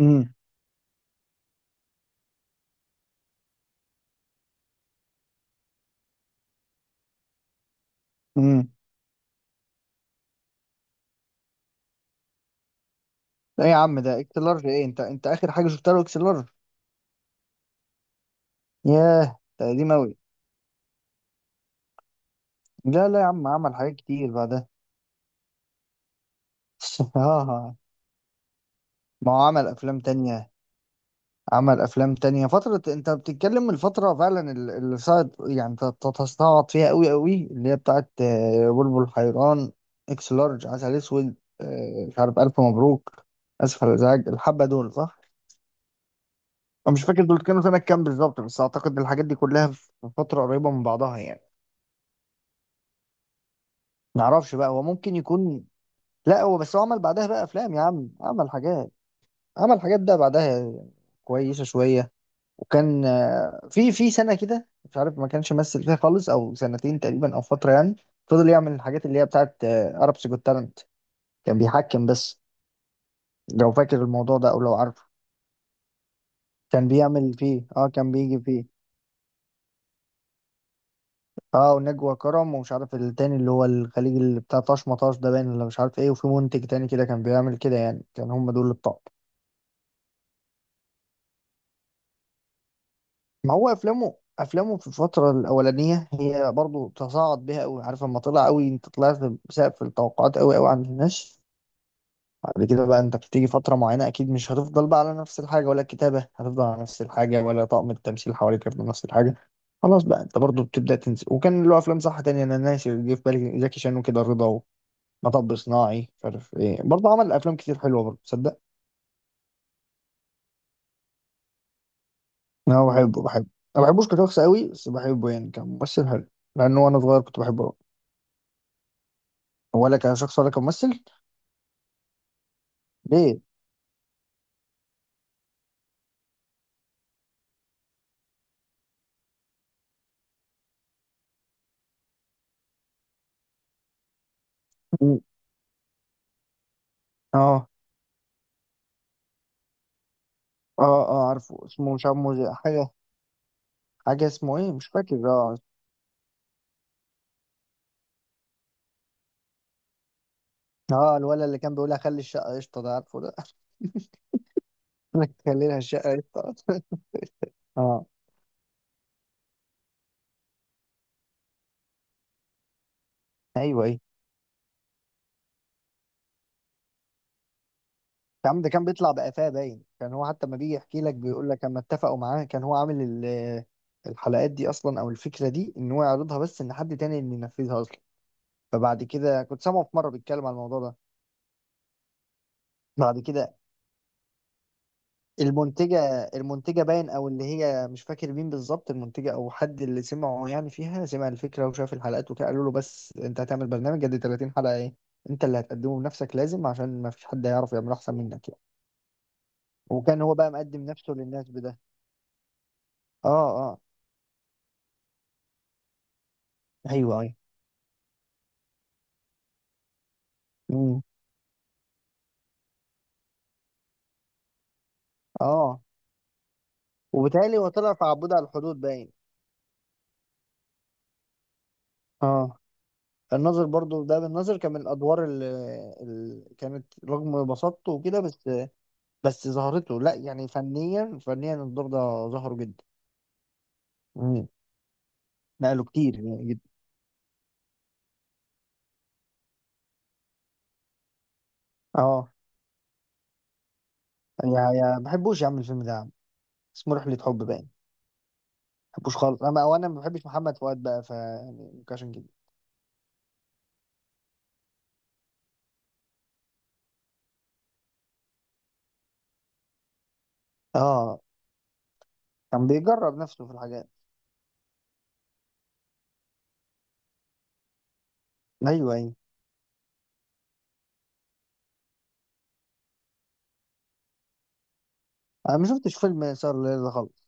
امم امم. لا يا عم، ده اكس لارج ايه؟ انت اخر حاجه شفتها له اكس لارج؟ ياه، ده قديم اوي. لا لا يا عم، عمل حاجات كتير بعدها. اه، ما هو عمل افلام تانية. عمل افلام تانية. فتره انت بتتكلم من الفتره فعلا اللي صعد، يعني تستعبط فيها اوي اوي، اللي هي بتاعت بلبل حيران، اكس لارج، عسل اسود، مش عارف، الف مبروك، اسف على الازعاج، الحبه دول صح. انا مش فاكر دول كانوا سنه كام بالظبط، بس اعتقد الحاجات دي كلها في فتره قريبه من بعضها يعني. معرفش بقى، هو ممكن يكون. لا، هو بس هو عمل بعدها بقى افلام يا عم، عمل حاجات. عمل حاجات ده بعدها كويسه شويه. وكان في سنه كده مش عارف ما كانش ممثل فيها خالص، او سنتين تقريبا، او فتره يعني. فضل يعمل الحاجات اللي هي بتاعت ارابس جوت تالنت، كان بيحكم بس. لو فاكر الموضوع ده او لو عارفه، كان بيعمل فيه، اه كان بيجي فيه. اه، ونجوى كرم، ومش عارف التاني اللي هو الخليجي اللي بتاع طاش مطاش ده باين، ولا مش عارف ايه. وفي منتج تاني كده كان بيعمل كده يعني. كان هم دول اللي بتوع. ما هو افلامه، افلامه في الفتره الاولانيه هي برضو تصاعد بيها قوي. عارف لما طلع قوي، انت طلعت بسقف التوقعات قوي قوي عند الناس. بعد كده بقى انت بتيجي فتره معينه اكيد مش هتفضل بقى على نفس الحاجه، ولا الكتابه هتفضل على نفس الحاجه، ولا طاقم التمثيل حواليك هيفضل نفس الحاجه. خلاص بقى انت برضو بتبدا تنسى. وكان له افلام صح تانية، انا ناسي. اللي جه في بالي زكي شان وكده، رضا، ومطب صناعي، مش عارف ايه، برضه عمل افلام كتير حلوه برضه تصدق. انا بحبه بحبه. ما بحبوش كشخص قوي، بس بحبه يعني كممثل حلو. لانه وانا صغير كنت بحبه أوي. ولا كشخص ولا كممثل. ليه؟ م. اه. اه. اه، عارفه اسمه، مش عارف حاجه. حاجه اسمه ايه، مش فاكر. اه. اه، الولد اللي كان بيقول هخلي الشقه قشطه، ده عارفه ده؟ لك خلي لها الشقه قشطه. اه، ايوه ايوه. يا عم ده كان بيطلع بقفاه باين، كان هو حتى ما بيجي يحكي لك بيقول لك اما اتفقوا معاه كان هو عامل الحلقات دي اصلا، او الفكره دي ان هو يعرضها، بس ان حد تاني اللي ينفذها اصلا. فبعد كده كنت سامعه في مره بيتكلم على الموضوع ده. بعد كده المنتجة. المنتجة باين، أو اللي هي مش فاكر مين بالظبط، المنتجة أو حد اللي سمعه يعني فيها، سمع الفكرة وشاف الحلقات وكده، قالوا له بس أنت هتعمل برنامج قد 30 حلقة إيه؟ أنت اللي هتقدمه بنفسك لازم، عشان ما فيش حد هيعرف يعمل أحسن منك يعني. وكان هو بقى مقدم نفسه للناس بده. أه. أه. أيوه أيوه. أمم، أه. وبالتالي هو طلع في عبود على الحدود باين. أه، الناظر برضو ده، بالناظر كان من الأدوار اللي، اللي كانت رغم بساطته وكده بس، بس ظهرته، لا يعني فنيا، فنيا الدور ده ظهره جدا. مم. نقله كتير يعني جدا. اه. يا ما بحبوش يا عم الفيلم ده يا عم. اسمه رحلة حب باين. ما بحبوش خالص انا، وانا ما بحبش محمد فؤاد بقى، ف يعني ممكن عشان كده. اه، كان بيجرب نفسه في الحاجات. ايوه ايوه. انا ما شفتش فيلم سهر الليل ده خالص.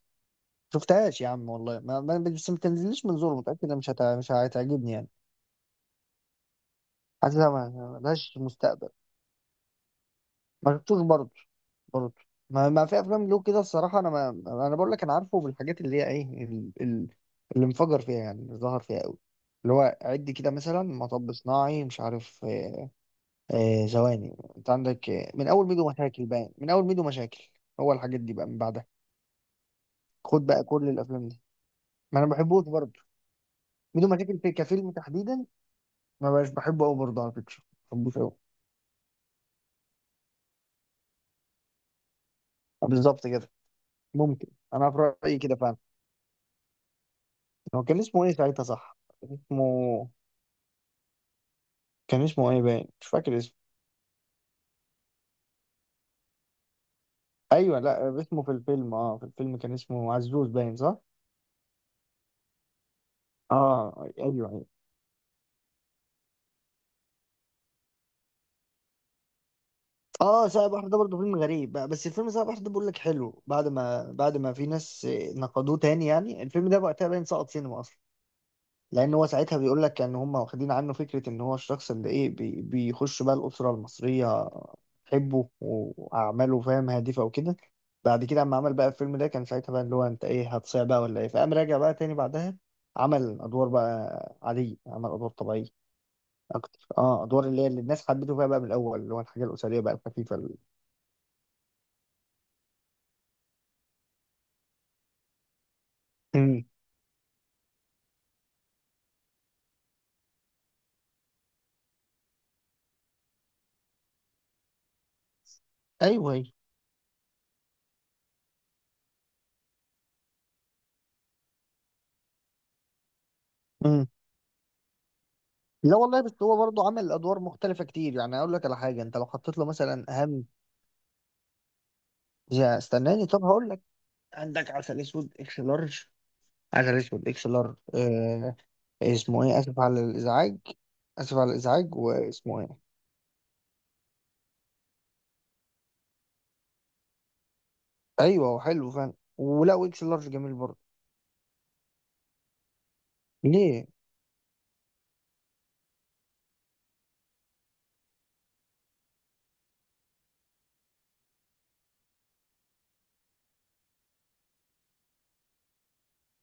شفتهاش يا عم والله، ما بس ما تنزليش من زور، متأكد إنها مش هتعجبني يعني. حاسسها ما لهاش مستقبل. ما شفتوش برضه. برضه. ما في افلام له كده الصراحه، انا ما. انا بقول لك انا عارفه بالحاجات اللي هي ايه، اللي انفجر فيها يعني، اللي ظهر فيها قوي. اللي هو عد كده مثلا مطب صناعي، مش عارف ثواني، انت عندك من اول ميدو مشاكل باين، من اول ميدو مشاكل. هو الحاجات دي بقى من بعدها. خد بقى كل الافلام دي. ما انا ما بحبوش برضه. ميدو مشاكل في كفيلم تحديدا ما بقاش بحبه قوي برضه على فكره. ما بحبوش قوي. بالظبط كده. ممكن. انا في رايي كده فعلا. هو كان اسمه ايه ساعتها صح؟ اسمه. كان اسمه ايه باين، مش فاكر اسمه. ايوه، لا اسمه في الفيلم، اه في الفيلم كان اسمه عزوز باين صح. اه ايوه ايوه. اه، ساعة بحر ده برضه فيلم غريب بقى، بس الفيلم ساعة بحر ده بقول لك حلو بعد ما، في ناس نقدوه تاني يعني. الفيلم ده وقتها باين سقط سينما اصلا، لان هو ساعتها بيقول لك ان هم واخدين عنه فكره ان هو الشخص اللي ايه بي بيخش بقى الاسره المصريه، حبه واعماله فاهم، هادفه وكده. بعد كده اما عمل بقى الفيلم ده كان ساعتها بقى اللي هو انت ايه هتصيع بقى ولا ايه، فقام راجع بقى تاني بعدها. عمل ادوار بقى عاديه، عمل ادوار طبيعيه اكتر. اه ادوار اللي هي اللي الناس حبته فيها بقى من الاول، اللي هو الحاجه الاسريه بقى الخفيفه مم. ايوه ايوه. مم. لا والله، بس هو برضه عمل ادوار مختلفه كتير يعني. اقول لك على حاجه، انت لو حطيت له مثلا اهم. يا استناني، طب هقول لك. عندك عسل اسود، اكس لارج. عسل اسود، اكس لارج آه. اسمه ايه، اسف على الازعاج. اسف على الازعاج، واسمه ايه. ايوه، هو حلو فعلا. ولا اكس لارج جميل برضه. ليه؟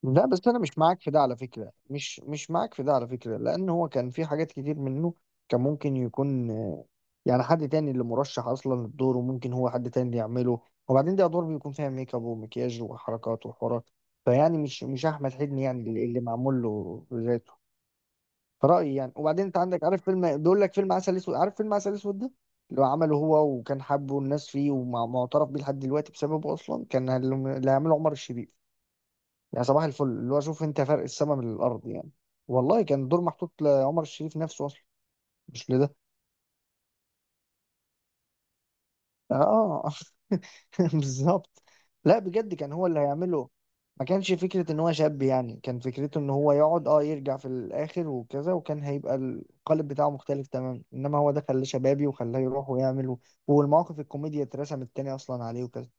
لا، بس انا مش معاك في ده على فكره، مش معاك في ده على فكره، لان هو كان في حاجات كتير منه كان ممكن يكون يعني حد تاني اللي مرشح اصلا للدور، وممكن هو حد تاني اللي يعمله. وبعدين دي ادوار بيكون فيها ميك اب ومكياج وحركات وحوارات، فيعني مش احمد حلمي يعني اللي اللي معمول له ذاته. رأيي يعني. وبعدين انت عندك، عارف فيلم بيقول لك فيلم عسل اسود، عارف فيلم عسل اسود ده؟ اللي هو عمله هو، وكان حابه الناس فيه ومعترف بيه لحد دلوقتي، بسببه اصلا كان اللي اللي هيعمله عمر الشريف. يعني صباح الفل، اللي هو شوف انت فرق السما من الارض يعني. والله كان دور محطوط لعمر الشريف نفسه اصلا، مش لده. اه بالظبط. لا بجد كان هو اللي هيعمله. ما كانش فكرة ان هو شاب يعني، كان فكرته ان هو يقعد اه يرجع في الاخر وكذا، وكان هيبقى القالب بتاعه مختلف تماما، انما هو ده خلاه شبابي وخلاه يروح ويعمل والمواقف الكوميديا اترسمت تاني اصلا عليه وكذا.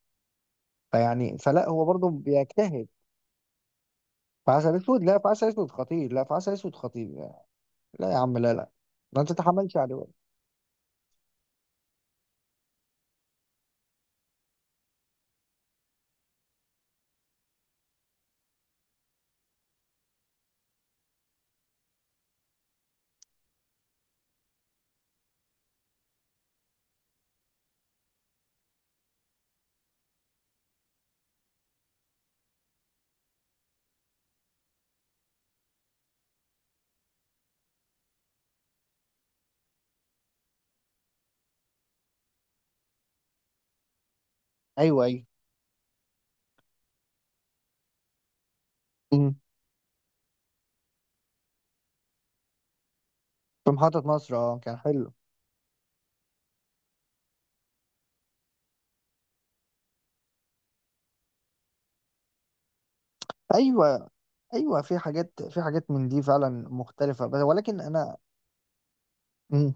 فيعني فلا هو برضه بيجتهد. في عسل اسود، لا في عسل اسود خطير، لا في عسل اسود خطير لا. لا يا عم لا لا، ما تتحملش عليه. ايوه ايوه. أمم. في محطة مصر، اه كان حلو. ايوه ايوه، في حاجات، في حاجات من دي فعلا مختلفه بس، ولكن انا. مم.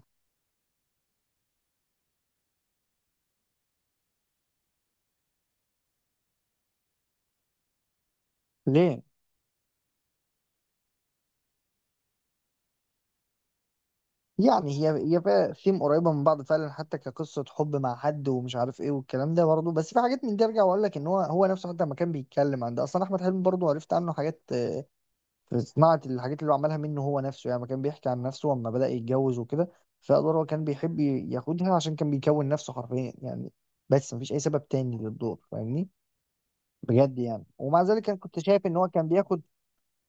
ليه؟ يعني هي، هي فيها ثيم قريبه من بعض فعلا، حتى كقصه حب مع حد ومش عارف ايه والكلام ده برضه. بس في حاجات من دي ارجع واقول لك ان هو هو نفسه حتى لما كان بيتكلم عن ده اصلا، احمد حلمي برضه عرفت عنه حاجات في صناعه الحاجات اللي هو عملها، منه هو نفسه يعني، لما كان بيحكي عن نفسه لما بدا يتجوز وكده. فادوار هو كان بيحب ياخدها عشان كان بيكون نفسه حرفيا يعني. بس مفيش اي سبب تاني للدور، فاهمني؟ بجد يعني. ومع ذلك انا كنت شايف ان هو كان بياخد،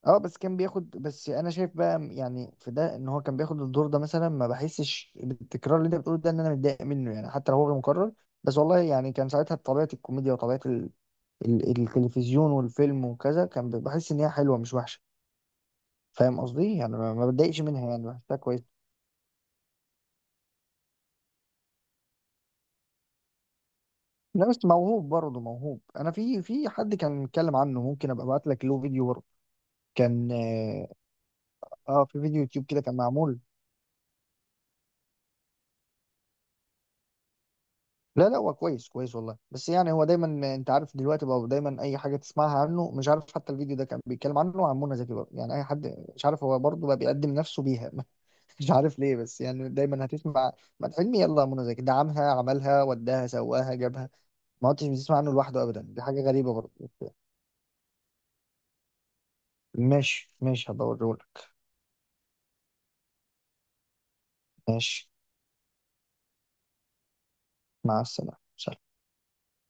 اه بس كان بياخد. بس انا شايف بقى يعني في ده، ان هو كان بياخد الدور ده مثلا ما بحسش بالتكرار اللي انت بتقوله ده، ان انا متضايق منه يعني، حتى لو هو غير مكرر. بس والله يعني كان ساعتها طبيعة الكوميديا وطبيعة التلفزيون والفيلم وكذا كان بحس ان هي حلوة مش وحشة. فاهم قصدي يعني؟ ما بتضايقش منها يعني، بحسها كويس. لا، بس موهوب برضه، موهوب. انا في في حد كان متكلم عنه، ممكن ابقى ابعت لك له فيديو برضه. كان اه، في فيديو يوتيوب كده كان معمول. لا لا هو كويس كويس والله، بس يعني هو دايما انت عارف دلوقتي بقى، دايما اي حاجه تسمعها عنه مش عارف، حتى الفيديو ده كان بيتكلم عنه عن منى زكي بقى يعني، اي حد مش عارف، هو برضه بقى بيقدم نفسه بيها. مش عارف ليه، بس يعني دايما هتسمع، ما حلمي يلا منى زكي دعمها، عملها، وداها، سواها، جابها. ما كنتش بتسمع عنه لوحده ابدا، دي حاجه غريبه برضه. ماشي ماشي، هبقى اوريهولك. ماشي. مع السلامه. سلام.